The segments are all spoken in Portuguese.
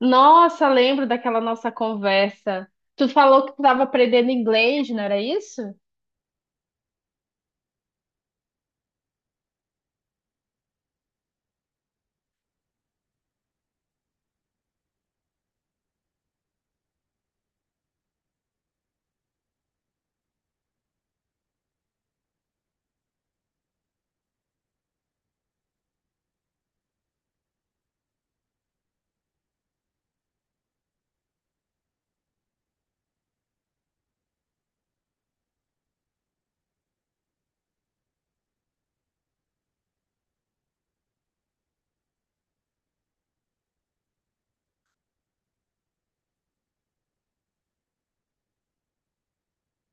Nossa, lembro daquela nossa conversa. Tu falou que tu estava aprendendo inglês, não era isso?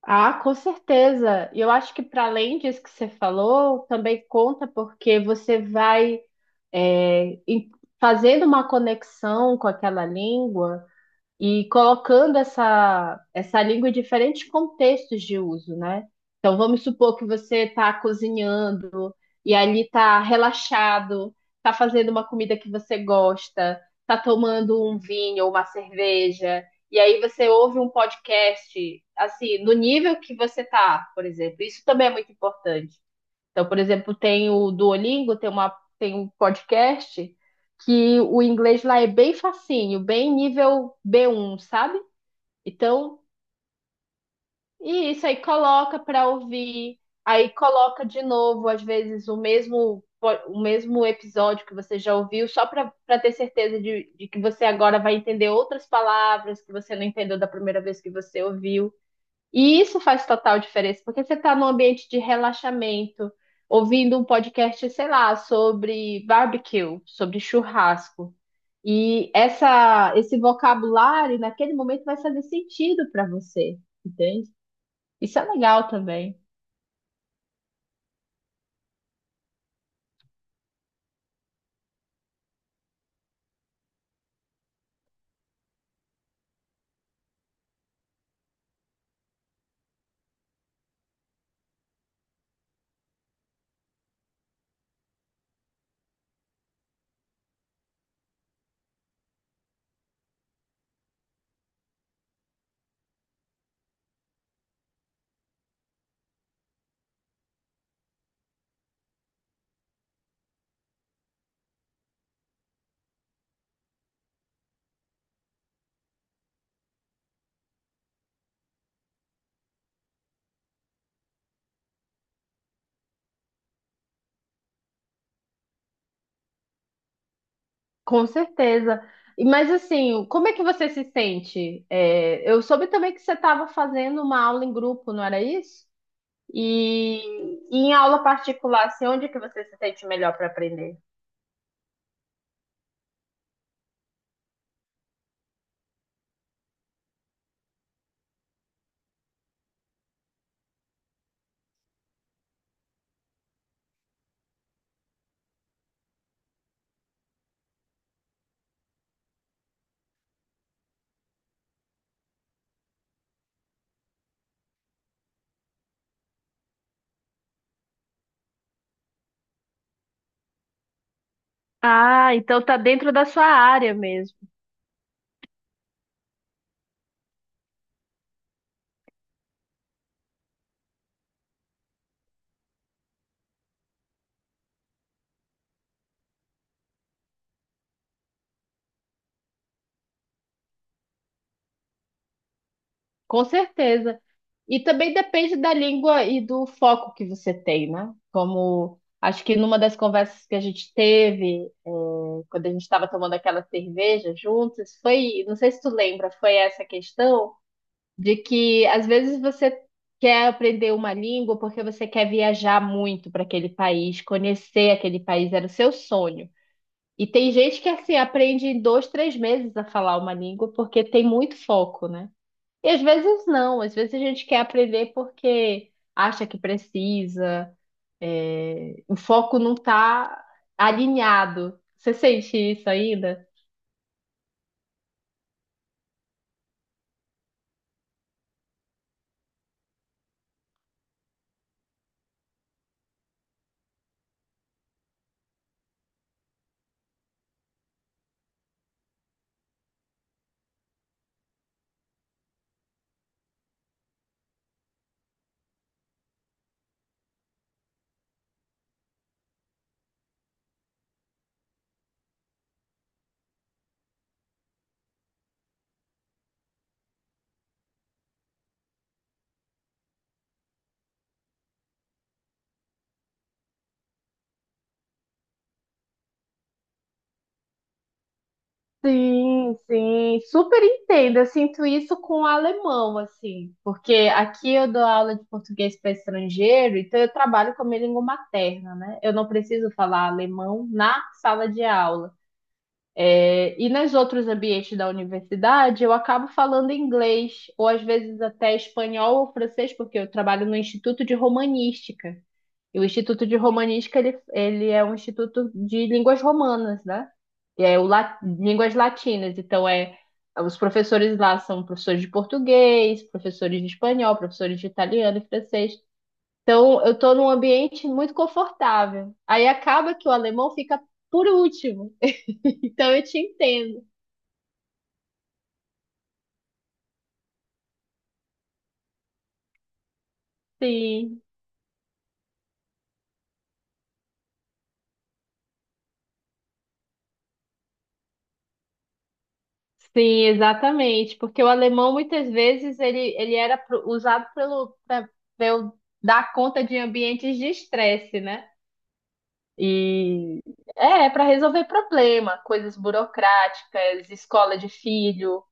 Ah, com certeza. E eu acho que para além disso que você falou, também conta porque você vai é, em- fazendo uma conexão com aquela língua, e colocando essa língua em diferentes contextos de uso, né? Então, vamos supor que você está cozinhando e ali está relaxado, está fazendo uma comida que você gosta, está tomando um vinho ou uma cerveja, e aí você ouve um podcast, assim, no nível que você está, por exemplo. Isso também é muito importante. Então, por exemplo, tem o Duolingo, tem uma, tem um podcast que o inglês lá é bem facinho, bem nível B1, sabe? Então, e isso aí coloca para ouvir, aí coloca de novo, às vezes, o o mesmo episódio que você já ouviu, só para ter certeza de que você agora vai entender outras palavras que você não entendeu da primeira vez que você ouviu. E isso faz total diferença, porque você está num ambiente de relaxamento, ouvindo um podcast, sei lá, sobre barbecue, sobre churrasco. E esse vocabulário, naquele momento, vai fazer sentido para você, entende? Isso é legal também, com certeza. Mas assim, como é que você se sente? É, eu soube também que você estava fazendo uma aula em grupo, não era isso? E, e em aula particular, assim, onde que você se sente melhor para aprender? Ah, então tá dentro da sua área mesmo. Com certeza. E também depende da língua e do foco que você tem, né? Como acho que numa das conversas que a gente teve, quando a gente estava tomando aquela cerveja juntos, foi, não sei se tu lembra, foi essa questão de que às vezes você quer aprender uma língua porque você quer viajar muito para aquele país, conhecer aquele país, era o seu sonho. E tem gente que assim aprende em dois, três meses a falar uma língua porque tem muito foco, né? E às vezes não, às vezes a gente quer aprender porque acha que precisa, é, o foco não está alinhado. Você sente isso ainda? Sim, sim, super entendo. Eu sinto isso com o alemão, assim, porque aqui eu dou aula de português para estrangeiro, então eu trabalho com a minha língua materna, né? Eu não preciso falar alemão na sala de aula. É, e nos outros ambientes da universidade, eu acabo falando inglês, ou às vezes até espanhol ou francês, porque eu trabalho no Instituto de Romanística. E o Instituto de Romanística, ele é um instituto de línguas romanas, né? E É o línguas latinas. Então, é, os professores lá são professores de português, professores de espanhol, professores de italiano e francês. Então, eu estou num ambiente muito confortável. Aí acaba que o alemão fica por último. Então, eu te entendo. Sim, sim, exatamente, porque o alemão muitas vezes ele era usado pelo para eu dar conta de ambientes de estresse, né? E é para resolver problema, coisas burocráticas, escola de filho.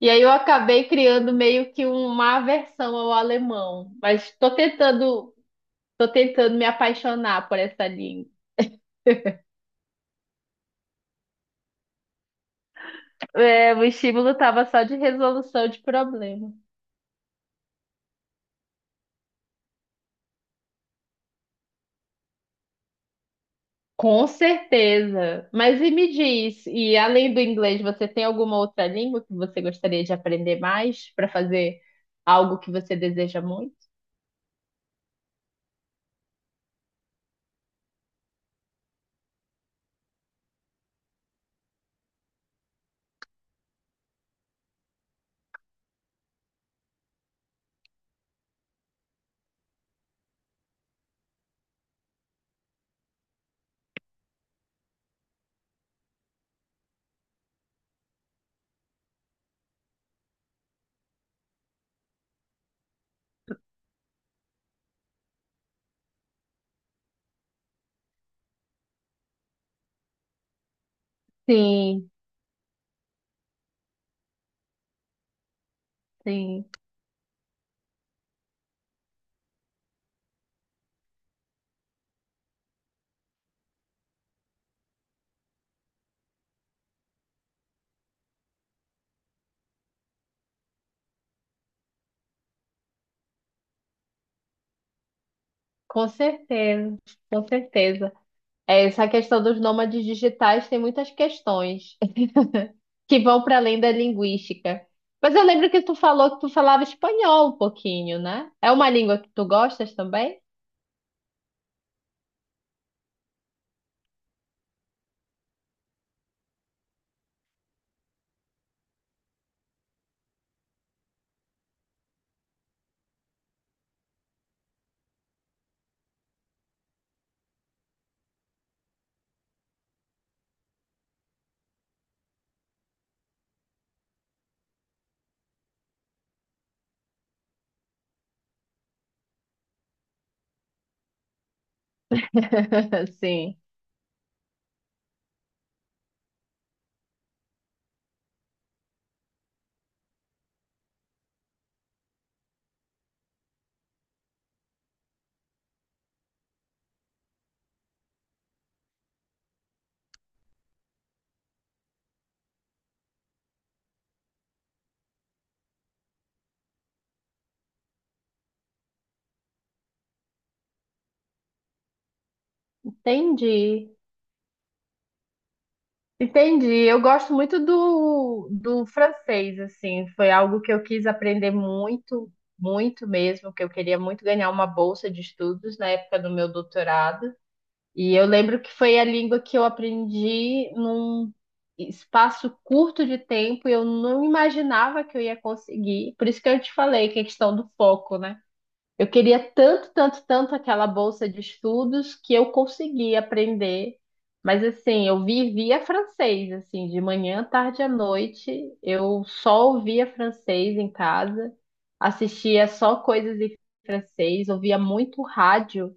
E aí eu acabei criando meio que uma aversão ao alemão, mas estou tentando, tô tentando me apaixonar por essa língua. É, o estímulo estava só de resolução de problema. Com certeza. Mas e me diz, e além do inglês, você tem alguma outra língua que você gostaria de aprender mais para fazer algo que você deseja muito? Sim, sim, com certeza, com certeza. É, essa questão dos nômades digitais tem muitas questões que vão para além da linguística. Mas eu lembro que tu falou que tu falava espanhol um pouquinho, né? É uma língua que tu gostas também? Sim, entendi. Entendi. Eu gosto muito do francês, assim. Foi algo que eu quis aprender muito, muito mesmo, que eu queria muito ganhar uma bolsa de estudos na época do meu doutorado. E eu lembro que foi a língua que eu aprendi num espaço curto de tempo e eu não imaginava que eu ia conseguir. Por isso que eu te falei que é questão do foco, né? Eu queria tanto, tanto, tanto aquela bolsa de estudos que eu consegui aprender. Mas assim, eu vivia francês, assim, de manhã, tarde à noite, eu só ouvia francês em casa, assistia só coisas em francês, ouvia muito rádio,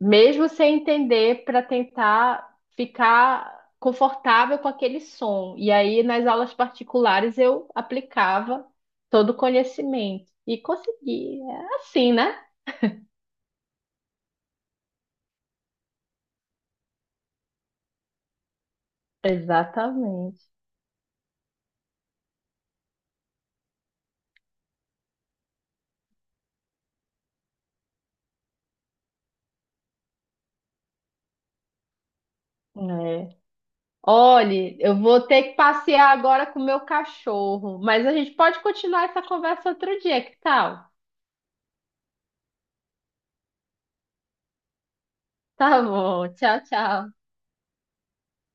mesmo sem entender, para tentar ficar confortável com aquele som. E aí, nas aulas particulares, eu aplicava todo o conhecimento e consegui. É assim, né? Exatamente. É. Olhe, eu vou ter que passear agora com o meu cachorro, mas a gente pode continuar essa conversa outro dia, que tal? Tá bom, tchau, tchau.